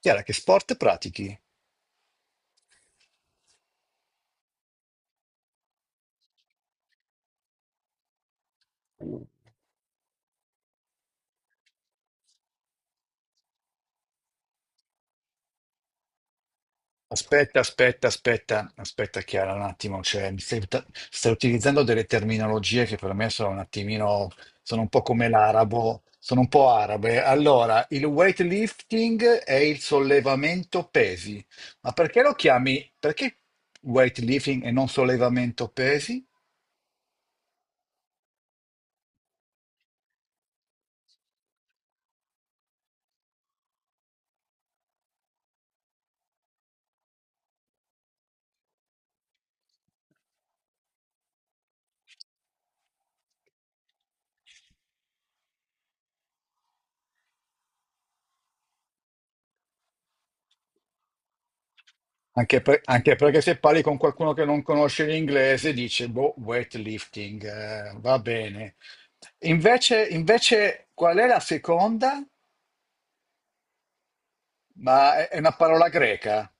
Chiara, che sport pratichi? Aspetta, aspetta, aspetta, aspetta Chiara un attimo, cioè, mi stai, stai utilizzando delle terminologie che per me sono un attimino, sono un po' come l'arabo, sono un po' arabe. Allora, il weightlifting è il sollevamento pesi, ma perché lo chiami, perché weightlifting e non sollevamento pesi? Anche, anche perché se parli con qualcuno che non conosce l'inglese dice, boh, weightlifting, va bene. Invece, qual è la seconda? Ma è una parola greca.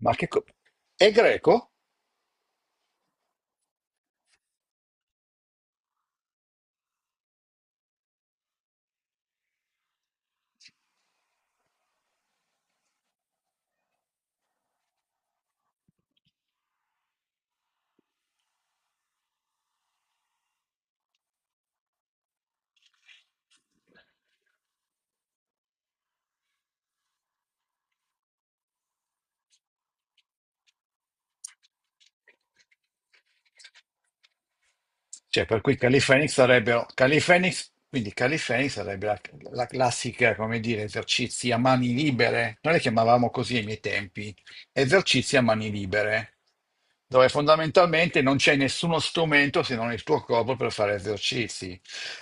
Ma che co- è greco? Cioè, per cui Califenix sarebbero, Califenix, quindi Califenix sarebbe la, la classica, come dire, esercizi a mani libere. Noi le chiamavamo così ai miei tempi, esercizi a mani libere, dove fondamentalmente non c'è nessuno strumento se non il tuo corpo per fare esercizi.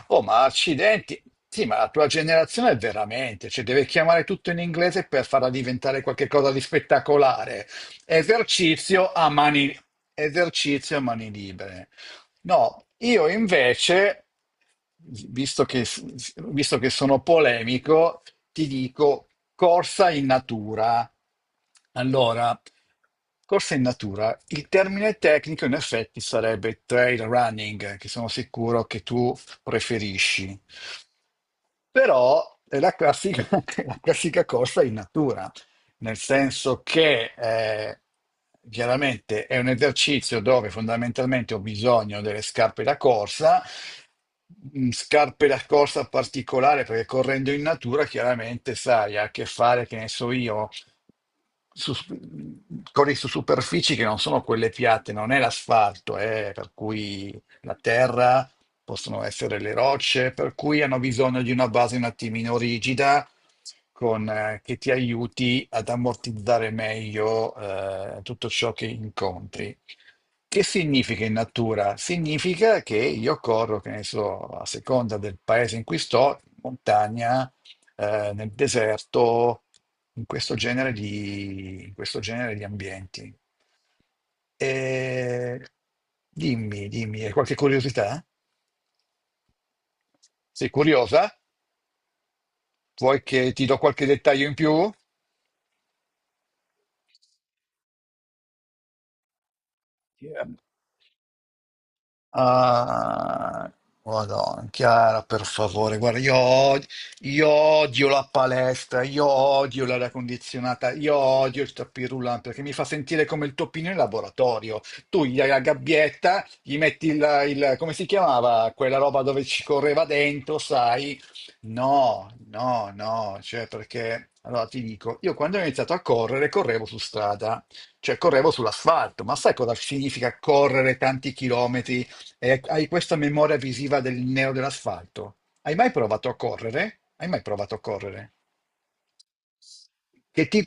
Oh, ma accidenti! Sì, ma la tua generazione è veramente, cioè deve chiamare tutto in inglese per farla diventare qualcosa di spettacolare. Esercizio a mani, esercizio a mani libere. No, io invece, visto che, visto che sono polemico, ti dico corsa in natura. Allora, corsa in natura, il termine tecnico in effetti sarebbe trail running, che sono sicuro che tu preferisci, però è la classica, la classica corsa in natura, nel senso che chiaramente è un esercizio dove fondamentalmente ho bisogno delle scarpe da corsa, scarpe da corsa particolare perché correndo in natura chiaramente sai, ha a che fare, che ne so io, su- corri su superfici che non sono quelle piatte, non è l'asfalto, per cui la terra possono essere le rocce, per cui hanno bisogno di una base un attimino rigida con, che ti aiuti ad ammortizzare meglio tutto ciò che incontri. Che significa in natura? Significa che io corro, che ne so, a seconda del paese in cui sto, in montagna, nel deserto, in questo genere di, in questo genere di ambienti. E dimmi, dimmi, hai qualche curiosità? Sei curiosa? Vuoi che ti do qualche dettaglio in più? Ah, Madonna, Chiara, per favore, guarda, io, io odio la palestra, io odio l'aria condizionata, io odio il tapis roulant perché mi fa sentire come il toppino in laboratorio. Tu gli hai la gabbietta, gli metti il, come si chiamava, quella roba dove ci correva dentro, sai? No, cioè perché, allora ti dico, io quando ho iniziato a correre, correvo su strada, cioè correvo sull'asfalto, ma sai cosa significa correre tanti chilometri? E hai questa memoria visiva del nero dell'asfalto. Hai mai provato a correre? Hai mai provato a correre? Che ti-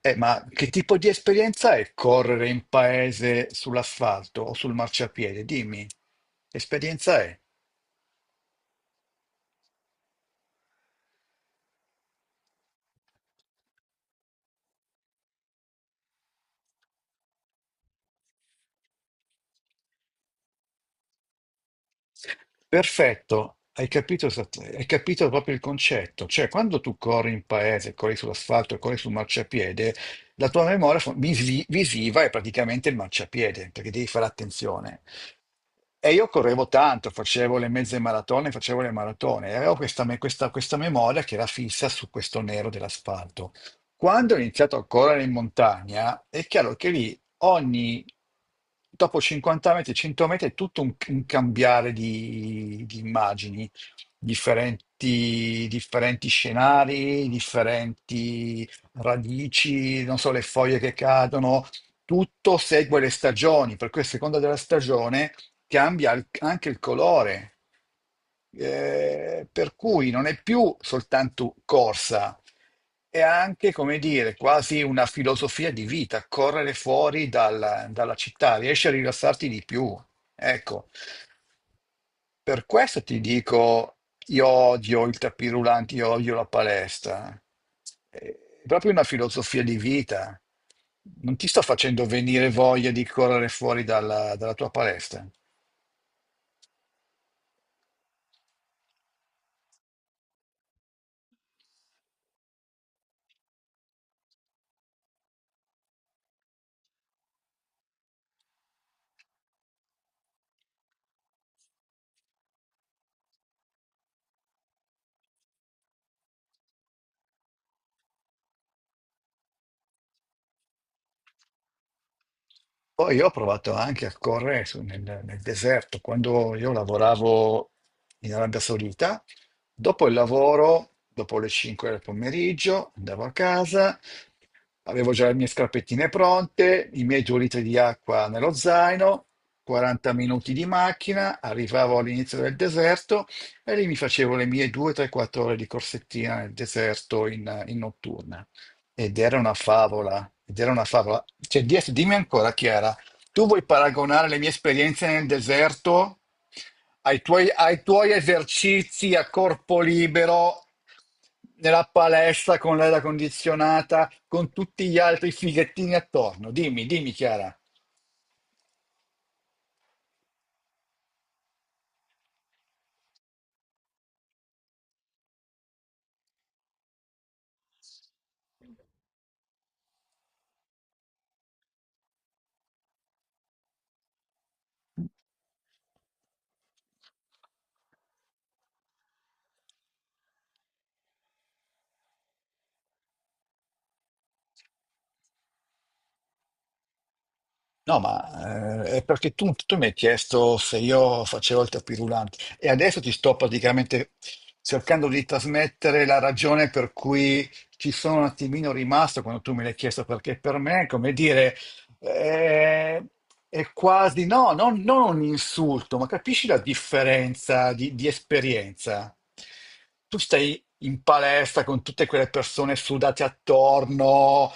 ma che tipo di esperienza è correre in paese sull'asfalto o sul marciapiede? Dimmi, che esperienza è? Perfetto, hai capito, hai capito proprio il concetto. Cioè, quando tu corri in paese, corri sull'asfalto, corri sul marciapiede, la tua memoria visiva è praticamente il marciapiede, perché devi fare attenzione. E io correvo tanto, facevo le mezze maratone, facevo le maratone, e avevo questa, questa memoria che era fissa su questo nero dell'asfalto. Quando ho iniziato a correre in montagna, è chiaro che lì ogni, dopo 50 metri, 100 metri è tutto un cambiare di immagini, differenti, differenti scenari, differenti radici, non so, le foglie che cadono, tutto segue le stagioni, per cui a seconda della stagione cambia anche il colore. Per cui non è più soltanto corsa, è anche, come dire, quasi una filosofia di vita, correre fuori dalla, dalla città, riesci a rilassarti di più. Ecco, per questo ti dico, io odio il tapis roulant, io odio la palestra. È proprio una filosofia di vita. Non ti sto facendo venire voglia di correre fuori dalla tua palestra. Poi io ho provato anche a correre nel, nel deserto, quando io lavoravo in Arabia Saudita, dopo il lavoro, dopo le 5 del pomeriggio, andavo a casa, avevo già le mie scarpettine pronte, i miei 2 litri di acqua nello zaino, 40 minuti di macchina, arrivavo all'inizio del deserto e lì mi facevo le mie 2, 3, 4 ore di corsettina nel deserto in, in notturna. Ed era una favola, ed era una favola. Cioè, dimmi ancora, Chiara, tu vuoi paragonare le mie esperienze nel deserto ai tuoi esercizi a corpo libero nella palestra con l'aria condizionata, con tutti gli altri fighettini attorno? Dimmi, dimmi, Chiara. No, ma è perché tu, tu mi hai chiesto se io facevo il tapirulante e adesso ti sto praticamente cercando di trasmettere la ragione per cui ci sono un attimino rimasto quando tu me l'hai chiesto, perché per me, come dire, eh, è quasi, no, non, non un insulto, ma capisci la differenza di esperienza? Tu stai in palestra con tutte quelle persone sudate attorno,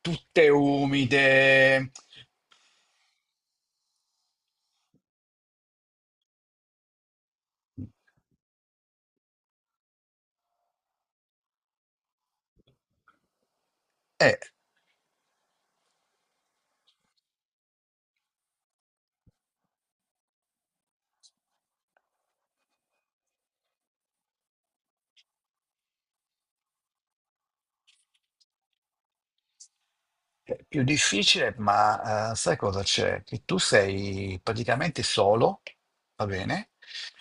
tutte umide. È più difficile, ma sai cosa c'è? Che tu sei praticamente solo, va bene?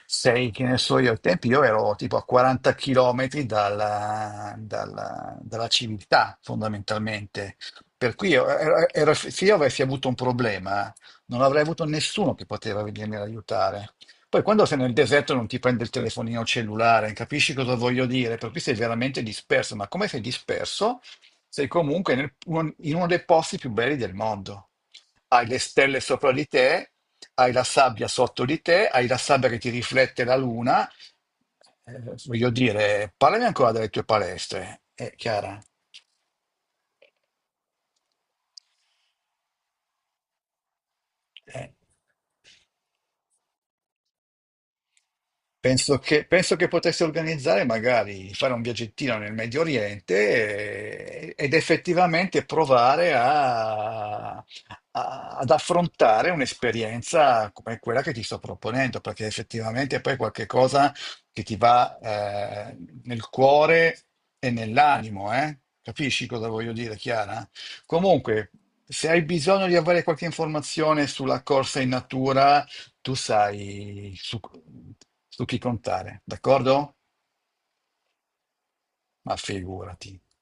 Sei, che ne so io, ai tempi io ero tipo a 40 km dalla, dalla civiltà, fondamentalmente. Per cui se io avessi avuto un problema, non avrei avuto nessuno che poteva venirmi ad aiutare. Poi quando sei nel deserto non ti prende il telefonino cellulare, capisci cosa voglio dire? Per cui sei veramente disperso, ma come sei disperso? Sei comunque in uno dei posti più belli del mondo. Hai le stelle sopra di te, hai la sabbia sotto di te, hai la sabbia che ti riflette la luna. Voglio dire, parlami ancora delle tue palestre, Chiara. Eh. Penso che potessi organizzare magari fare un viaggettino nel Medio Oriente ed effettivamente provare ad affrontare un'esperienza come quella che ti sto proponendo, perché effettivamente poi è qualcosa che ti va nel cuore e nell'animo, eh? Capisci cosa voglio dire, Chiara? Comunque, se hai bisogno di avere qualche informazione sulla corsa in natura, tu sai su, su chi contare, d'accordo? Ma figurati.